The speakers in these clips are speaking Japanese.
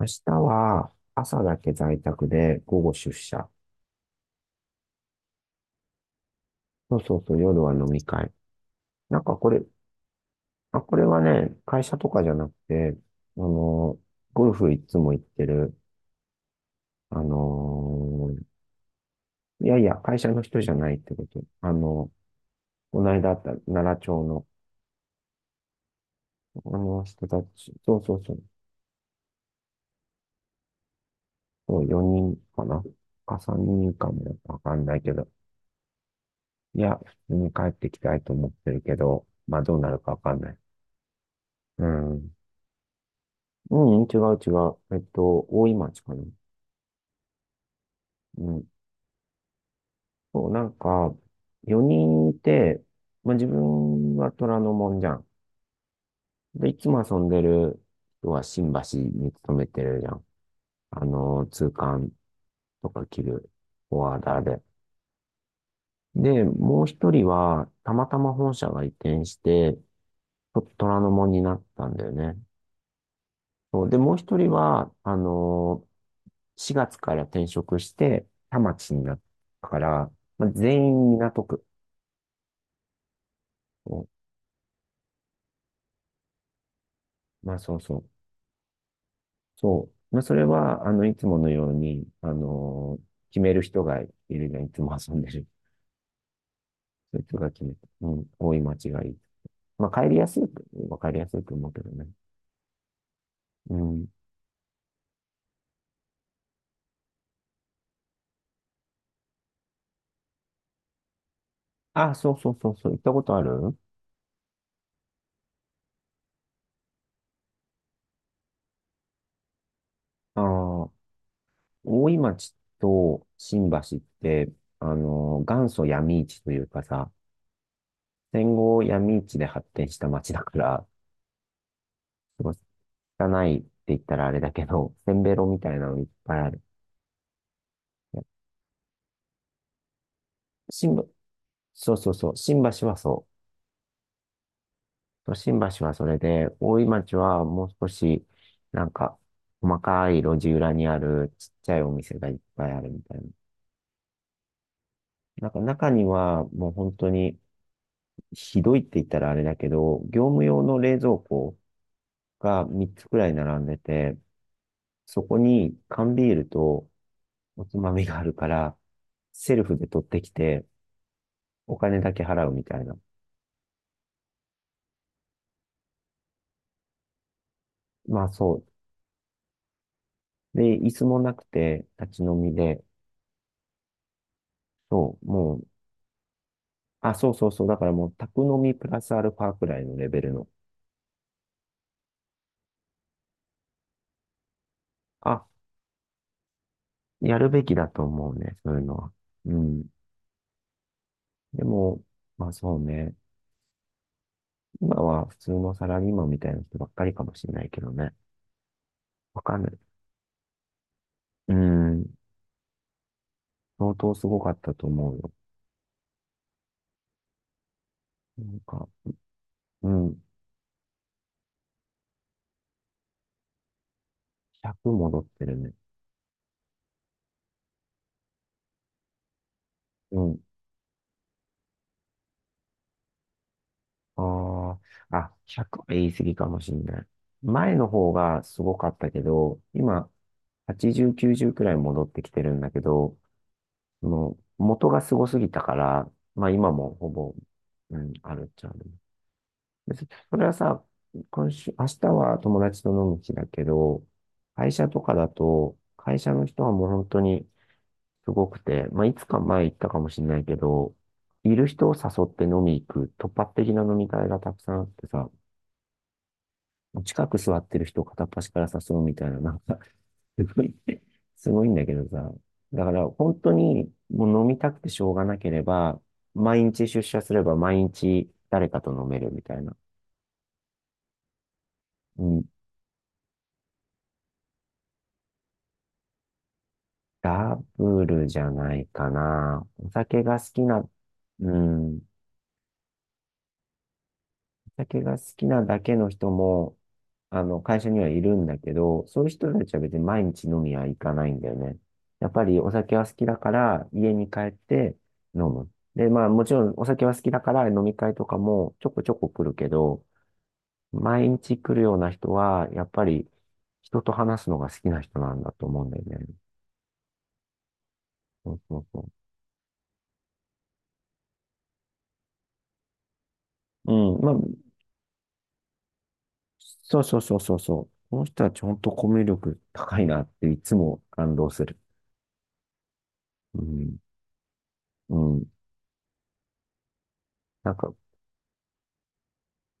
明日は朝だけ在宅で午後出社。そうそうそう、夜は飲み会。なんかこれ、これはね、会社とかじゃなくて、あの、ゴルフいつも行ってる、あの、いやいや、会社の人じゃないってこと。あの、この間あった奈良町の、あの人たち、そうそうそう、そう4人かな3人かもわかんないけど、いや、普通に帰ってきたいと思ってるけど、まあどうなるかわかんない。うん。うん、違う違う。大井町かな。うん。そう、なんか、4人いて、まあ、自分は虎ノ門じゃん。で、いつも遊んでる人は新橋に勤めてるじゃん。あの、通関とか着るフォワーダーで。で、もう一人は、たまたま本社が移転して、ちょっと虎ノ門になったんだよね。そう、で、もう一人は、4月から転職して、田町になったから、まあ、全員港区。そう、まあそうそう。そう。まあそれは、いつものように、決める人がいるじゃん。いつも遊んでる。そういう人が決める。うん。多い間違い。まあ帰りやすい。わかりやすいと思うけどね。うん。あ、そうそうそうそう。行ったことある。ああ、大井町と新橋って、あの元祖闇市というかさ、戦後闇市で発展した町だから、すごい汚いって言ったらあれだけど、せんべろみたいなのいっぱいある。新聞そうそうそう。新橋はそう。新橋はそれで、大井町はもう少し、なんか、細かい路地裏にあるちっちゃいお店がいっぱいあるみたいな。なんか中にはもう本当にひどいって言ったらあれだけど、業務用の冷蔵庫が3つくらい並んでて、そこに缶ビールとおつまみがあるから、セルフで取ってきて、お金だけ払うみたいな。まあそう。で、椅子もなくて、立ち飲みで、そう、も、あ、そうそうそう。だからもう、宅飲みプラスアルファくらいのレベルの。あ、やるべきだと思うね、そういうのは。うん。でも、まあそうね。今は普通のサラリーマンみたいな人ばっかりかもしれないけどね。わかんない。うん。相当すごかったと思うよ。なんか、うん。100戻ってるね。うん。ああ、あ、100は言い過ぎかもしれない。前の方がすごかったけど、今、80、90くらい戻ってきてるんだけど、その、元がすごすぎたから、まあ今もほぼ、うん、あるっちゃある。そそれはさ、今週、明日は友達と飲む日だけど、会社とかだと、会社の人はもう本当にすごくて、まあいつか前言ったかもしれないけど、いる人を誘って飲み行く突発的な飲み会がたくさんあってさ、近く座ってる人を片っ端から誘うみたいな、なんかすごいね、すごいんだけどさ。だから本当にもう飲みたくてしょうがなければ、毎日出社すれば毎日誰かと飲めるみたいな。うん、ダブルじゃないかな。お酒が好きな、うん、酒が好きなだけの人も、あの、会社にはいるんだけど、そういう人たちは別に毎日飲みは行かないんだよね。やっぱりお酒は好きだから、家に帰って飲む。で、まあもちろんお酒は好きだから飲み会とかもちょこちょこ来るけど、毎日来るような人は、やっぱり人と話すのが好きな人なんだと思うんだよね。そうそうそう。うん、まあ、そうそうそうそうそう。この人たち本当コミュ力高いなっていつも感動する。うん。うん。なんか、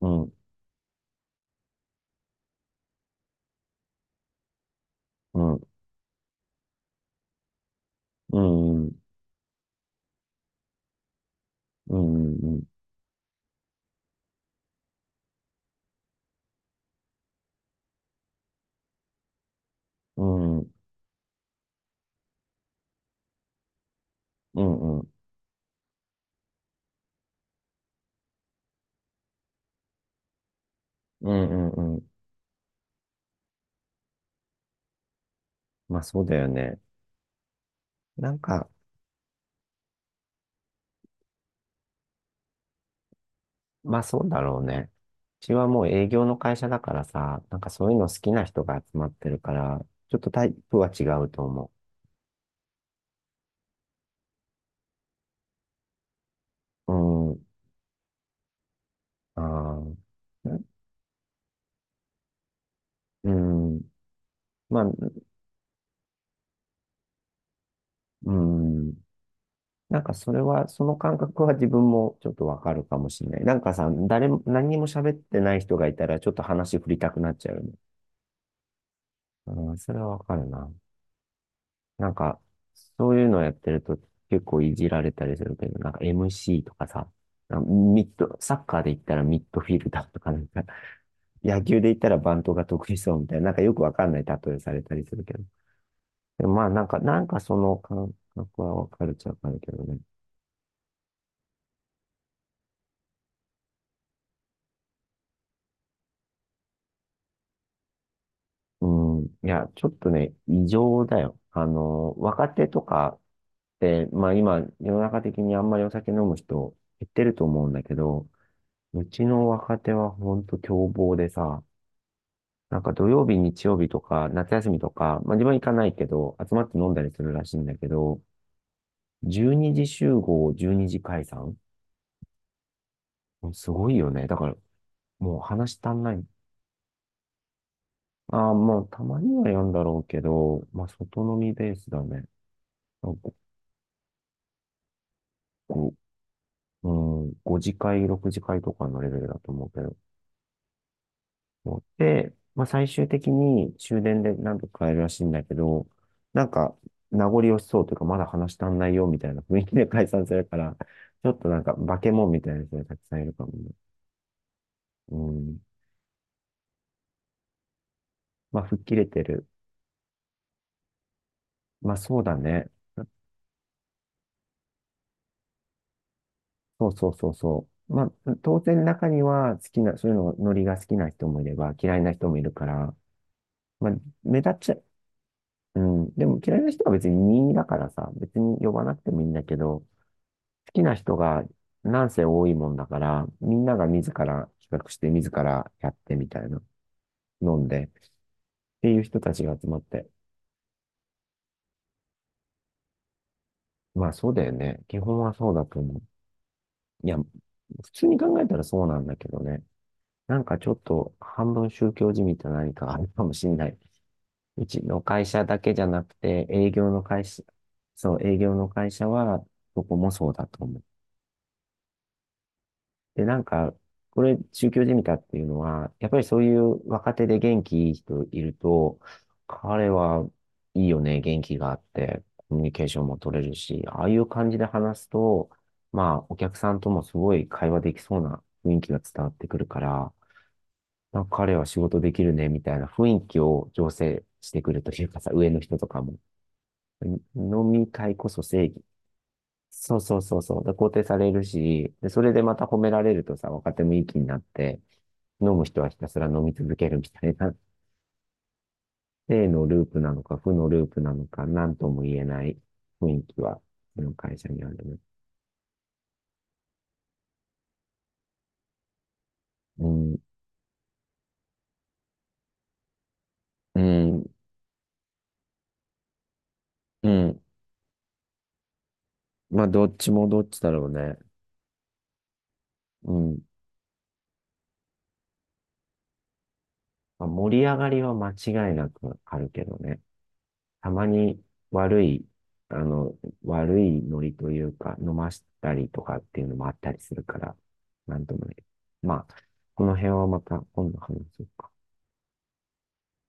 うん、うん、うん、うん、うん、うん、うん、うん、うん、うん、うん。まあそうだよね。なんか、まあそうだろうね。うちはもう営業の会社だからさ、なんかそういうの好きな人が集まってるから、ちょっとタイプは違うと思う。うん、ああ、うん、まあ、うん。なんかそれは、その感覚は自分もちょっとわかるかもしれない。なんかさ、誰も、何にも喋ってない人がいたら、ちょっと話振りたくなっちゃうよね。うん、それはわかるな。なんか、そういうのやってると結構いじられたりするけど、なんか MC とかさ、なんかミッド、サッカーで言ったらミッドフィルダーとかなんか、野球で言ったらバントが得意そうみたいな、なんかよくわかんない例えされたりするけど。でもまあなんか、なんかその感覚はわかるっちゃわかるけどね。うん、いや、ちょっとね、異常だよ。あの、若手とかって、まあ今、世の中的にあんまりお酒飲む人減ってると思うんだけど、うちの若手はほんと凶暴でさ、なんか土曜日、日曜日とか、夏休みとか、まあ自分は行かないけど、集まって飲んだりするらしいんだけど、12時集合、12時解散、もうすごいよね。だから、もう話足んない。ああ、まあたまにはやんだろうけど、まあ外飲みベースだね。なんかこう、う5次会、6次会とかのレベルだと思うけど。思って、まあ、最終的に終電で何とか帰るらしいんだけど、なんか、名残惜しそうというか、まだ話足んないよみたいな雰囲気で解散するから、ちょっとなんか、化け物みたいな人がたくさんいるかもね。うん。まあ、吹っ切れてる。まあ、そうだね。そうそうそうそう。まあ、当然中には好きな、そういうの、ノリが好きな人もいれば、嫌いな人もいるから、まあ、目立っちゃう。うん。でも嫌いな人は別に任意だからさ、別に呼ばなくてもいいんだけど、きな人がなんせ多いもんだから、みんなが自ら企画して自らやってみたいな、飲んでっていう人たちが集まって。まあそうだよね。基本はそうだと思う。いや、普通に考えたらそうなんだけどね。なんかちょっと半分宗教じみた何かあるかもしんない。うちの会社だけじゃなくて、営業の会社、そう、営業の会社は、どこもそうだと思う。で、なんか、これ、宗教じみたっていうのは、やっぱりそういう若手で元気いい人いると、彼はいいよね、元気があって、コミュニケーションも取れるし、ああいう感じで話すと、まあ、お客さんともすごい会話できそうな雰囲気が伝わってくるから、なんか彼は仕事できるね、みたいな雰囲気を醸成してくるというかさ、上の人とかも。飲み会こそ正義。そうそうそうそう。で、肯定されるし、で、それでまた褒められるとさ、若手もいい気になって、飲む人はひたすら飲み続けるみたいな、正のループなのか、負のループなのか、なんとも言えない雰囲気は、この会社にあるね。うん、うん、うん。まあ、どっちもどっちだろうね。うん。まあ、盛り上がりは間違いなくあるけどね。たまに悪い、あの、悪いノリというか、飲ましたりとかっていうのもあったりするから、なんともね。まあ、この辺はまた今度話そうか。